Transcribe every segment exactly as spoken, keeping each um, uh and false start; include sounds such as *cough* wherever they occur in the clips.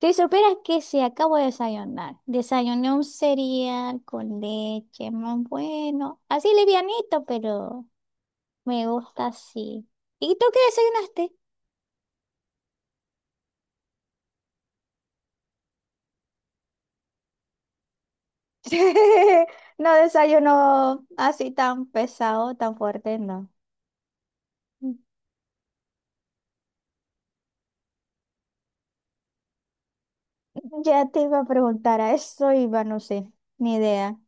Si supieras que sí, acabo de desayunar. Desayuné un cereal con leche, muy bueno. Así livianito, pero me gusta así. ¿Y tú qué desayunaste? *laughs* No desayuno así tan pesado, tan fuerte, no. *laughs* Ya te iba a preguntar a eso, iba, no sé, ni idea.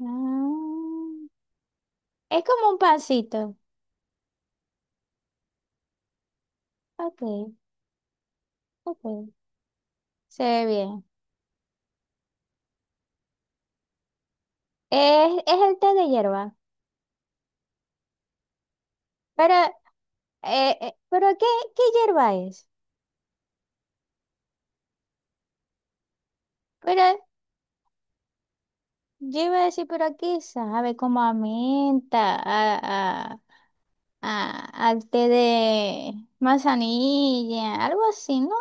Ah, es como un pancito. Ok, ok. Se ve bien. Es, es el té de hierba. Pero Eh, eh, ¿pero qué, qué hierba es? Pero yo iba a decir, ¿pero a qué sabe? Como a menta, a, a, a- al té de manzanilla, algo así, ¿no?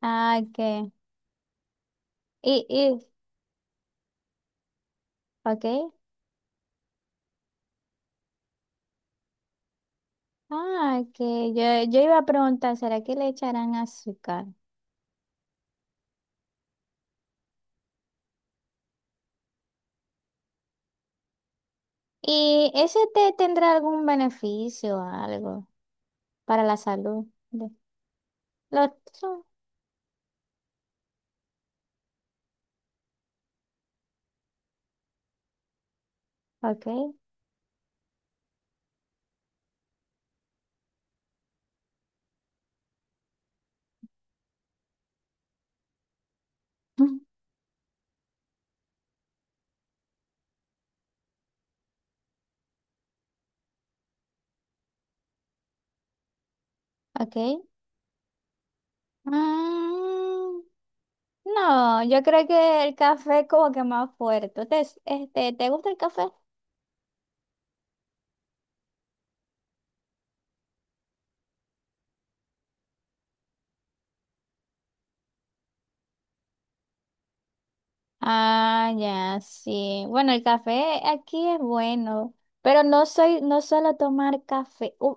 Ah, que, y, y, ok. Ah, que yo, yo iba a preguntar, ¿será que le echarán azúcar? ¿Y ese té tendrá algún beneficio o algo para la salud? De- Lo, ok, *laughs* ok. Mm. No, yo creo que el café es como que más fuerte. Entonces, este, ¿te gusta el café? Ah, ya, sí. Bueno, el café aquí es bueno, pero no soy, no suelo tomar café uh,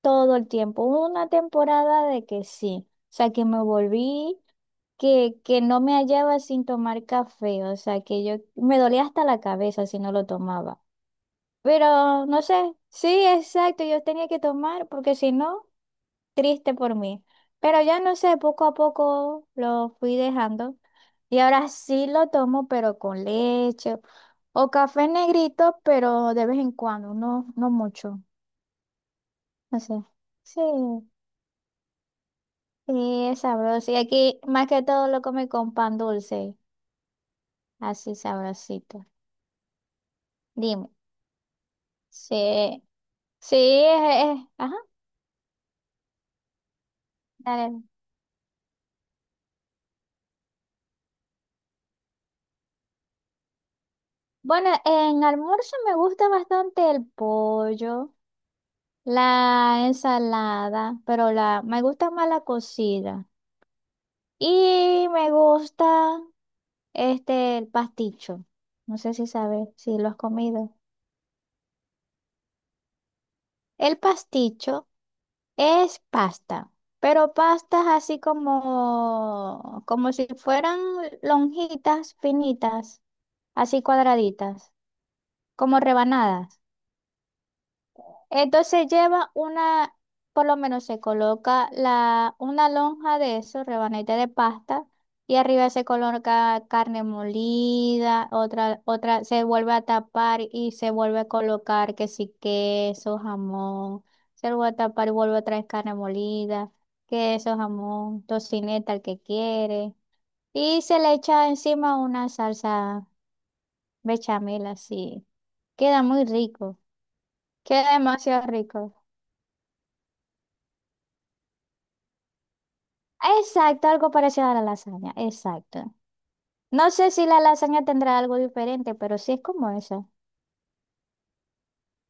todo el tiempo. Hubo una temporada de que sí. O sea, que me volví, que, que no me hallaba sin tomar café. O sea, que yo me dolía hasta la cabeza si no lo tomaba. Pero no sé, sí, exacto, yo tenía que tomar porque si no. Triste por mí. Pero ya no sé, poco a poco lo fui dejando y ahora sí lo tomo, pero con leche o café negrito, pero de vez en cuando, no, no mucho. No sé. Sí, sí, es sabroso. Y aquí más que todo lo come con pan dulce, así sabrosito. Dime. Sí, sí, es, es- ajá, dale. Bueno, en almuerzo me gusta bastante el pollo. La ensalada, pero la, me gusta más la cocida. Y me gusta este, el pasticho. No sé si sabes, si lo has comido. El pasticho es pasta, pero pastas así como, como si fueran lonjitas finitas, así cuadraditas, como rebanadas. Entonces lleva una, por lo menos se coloca la, una lonja de eso, rebanete de pasta, y arriba se coloca carne molida, otra, otra se vuelve a tapar y se vuelve a colocar que sí queso, jamón, se vuelve a tapar y vuelve a traer carne molida, queso, jamón, tocineta, el que quiere, y se le echa encima una salsa bechamel así. Queda muy rico, queda demasiado rico. Exacto, algo parecido a la lasaña, exacto. No sé si la lasaña tendrá algo diferente, pero sí es como eso.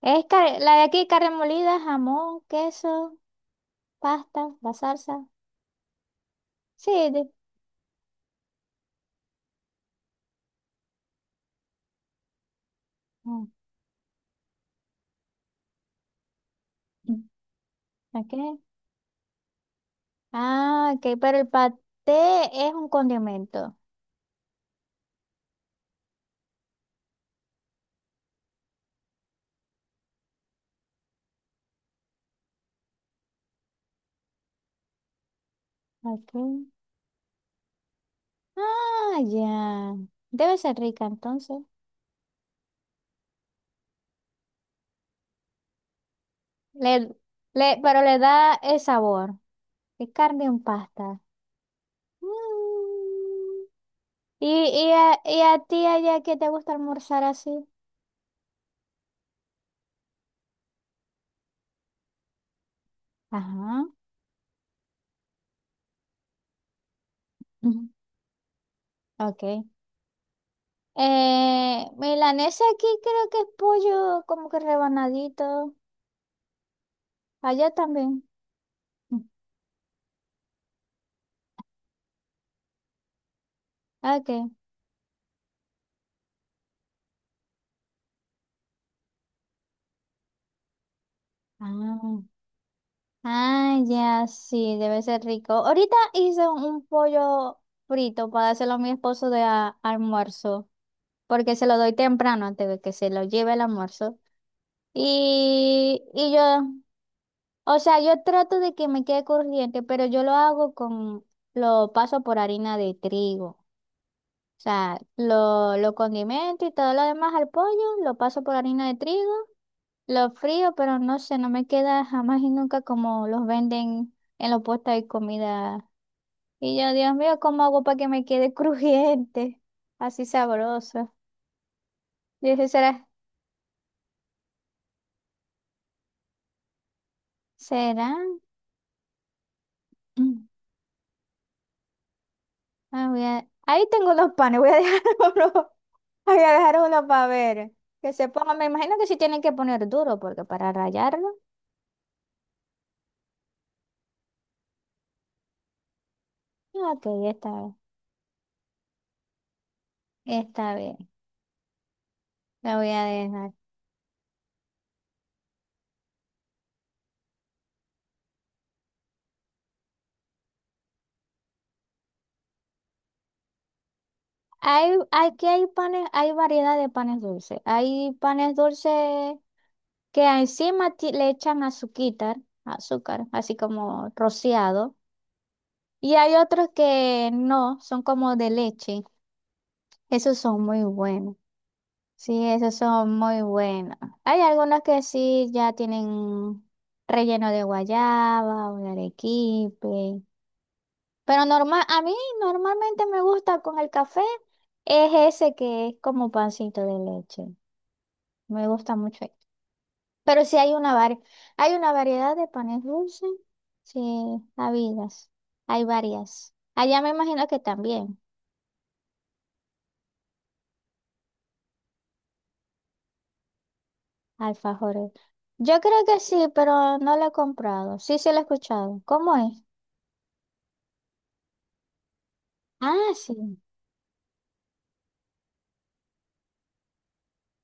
Es car- la de aquí, carne molida, jamón, queso, pasta, la salsa. Sí, de- mm, mm, ok. Ah, ok, pero el paté es un condimento. Ok. Ah, ya. Debe ser rica entonces. Le, le, pero le da el sabor. Es carne en pasta. Mm. ¿Y, y, a, y a ti allá qué te gusta almorzar así? Ajá. Ujú. Ok. Eh, milanesa aquí creo que es pollo como que rebanadito. Allá también. Mm. Ok. Ah, ah, ya sí, debe ser rico. Ahorita hice un, un pollo frito para dárselo a mi esposo de a- almuerzo, porque se lo doy temprano antes de que se lo lleve el almuerzo. Y, y yo. O sea, yo trato de que me quede corriente, pero yo lo hago con, lo paso por harina de trigo. O sea, lo, lo condimento y todo lo demás al pollo, lo paso por harina de trigo, lo frío, pero no sé, no me queda jamás y nunca como los venden en los puestos de comida. Y yo, Dios mío, ¿cómo hago para que me quede *laughs* crujiente? Así sabroso. Yo dije, ¿será? ¿Será? Mm. Ah, voy a- Ahí tengo dos panes, voy a dejar *laughs* uno. Voy a dejar uno para ver. Que se ponga, me imagino que sí tienen que poner duro, porque para rayarlo. Ok, está bien. Está bien. La voy a dejar. Hay, aquí hay panes, hay variedad de panes dulces. Hay panes dulces que encima ti- le echan azuquita, azúcar, así como rociado. Y hay otros que no, son como de leche. Esos son muy buenos. Sí, esos son muy buenos. Hay algunos que sí ya tienen relleno de guayaba o de arequipe. Pero normal, a mí normalmente me gusta con el café, es ese que es como pancito de leche. Me gusta mucho. Pero sí hay una vari- hay una variedad de panes dulces. Sí, habidas. Hay varias. Allá me imagino que también, alfajores. Yo creo que sí, pero no lo he comprado. Sí, sí lo he escuchado. ¿Cómo es? Ah, sí,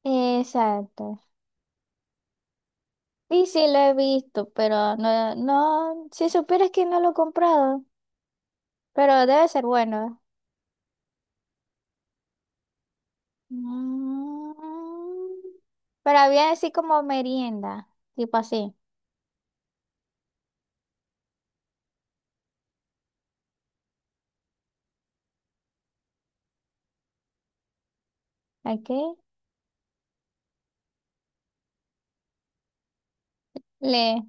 exacto. Y sí lo he visto, pero no, no, si supieras que no lo he comprado, pero debe ser bueno. Mm, pero había así como merienda, tipo así. ¿Ok? Le.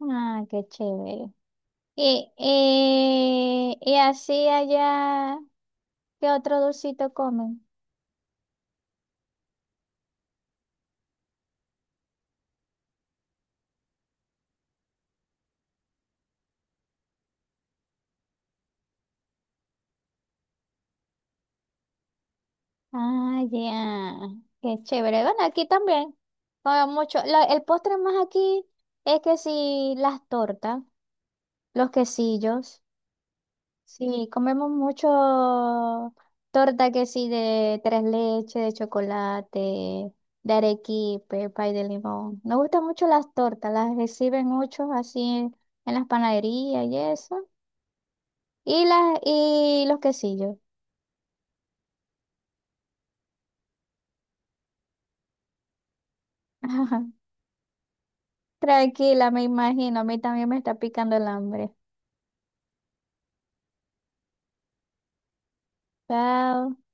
Ah, qué chévere. Y, y, y así allá, ¿qué otro dulcito comen? Ah, ya. Qué chévere. Bueno, aquí también. Como mucho. La- el postre más aquí es que sí, las tortas, los quesillos. Sí, comemos mucho torta que sí, de tres leches, de chocolate, de arequipe, pay de limón. Nos gustan mucho las tortas, las reciben muchos así en, en las panaderías y eso. Y las, y los quesillos. *laughs* Tranquila, me imagino. A mí también me está picando el hambre. Chao.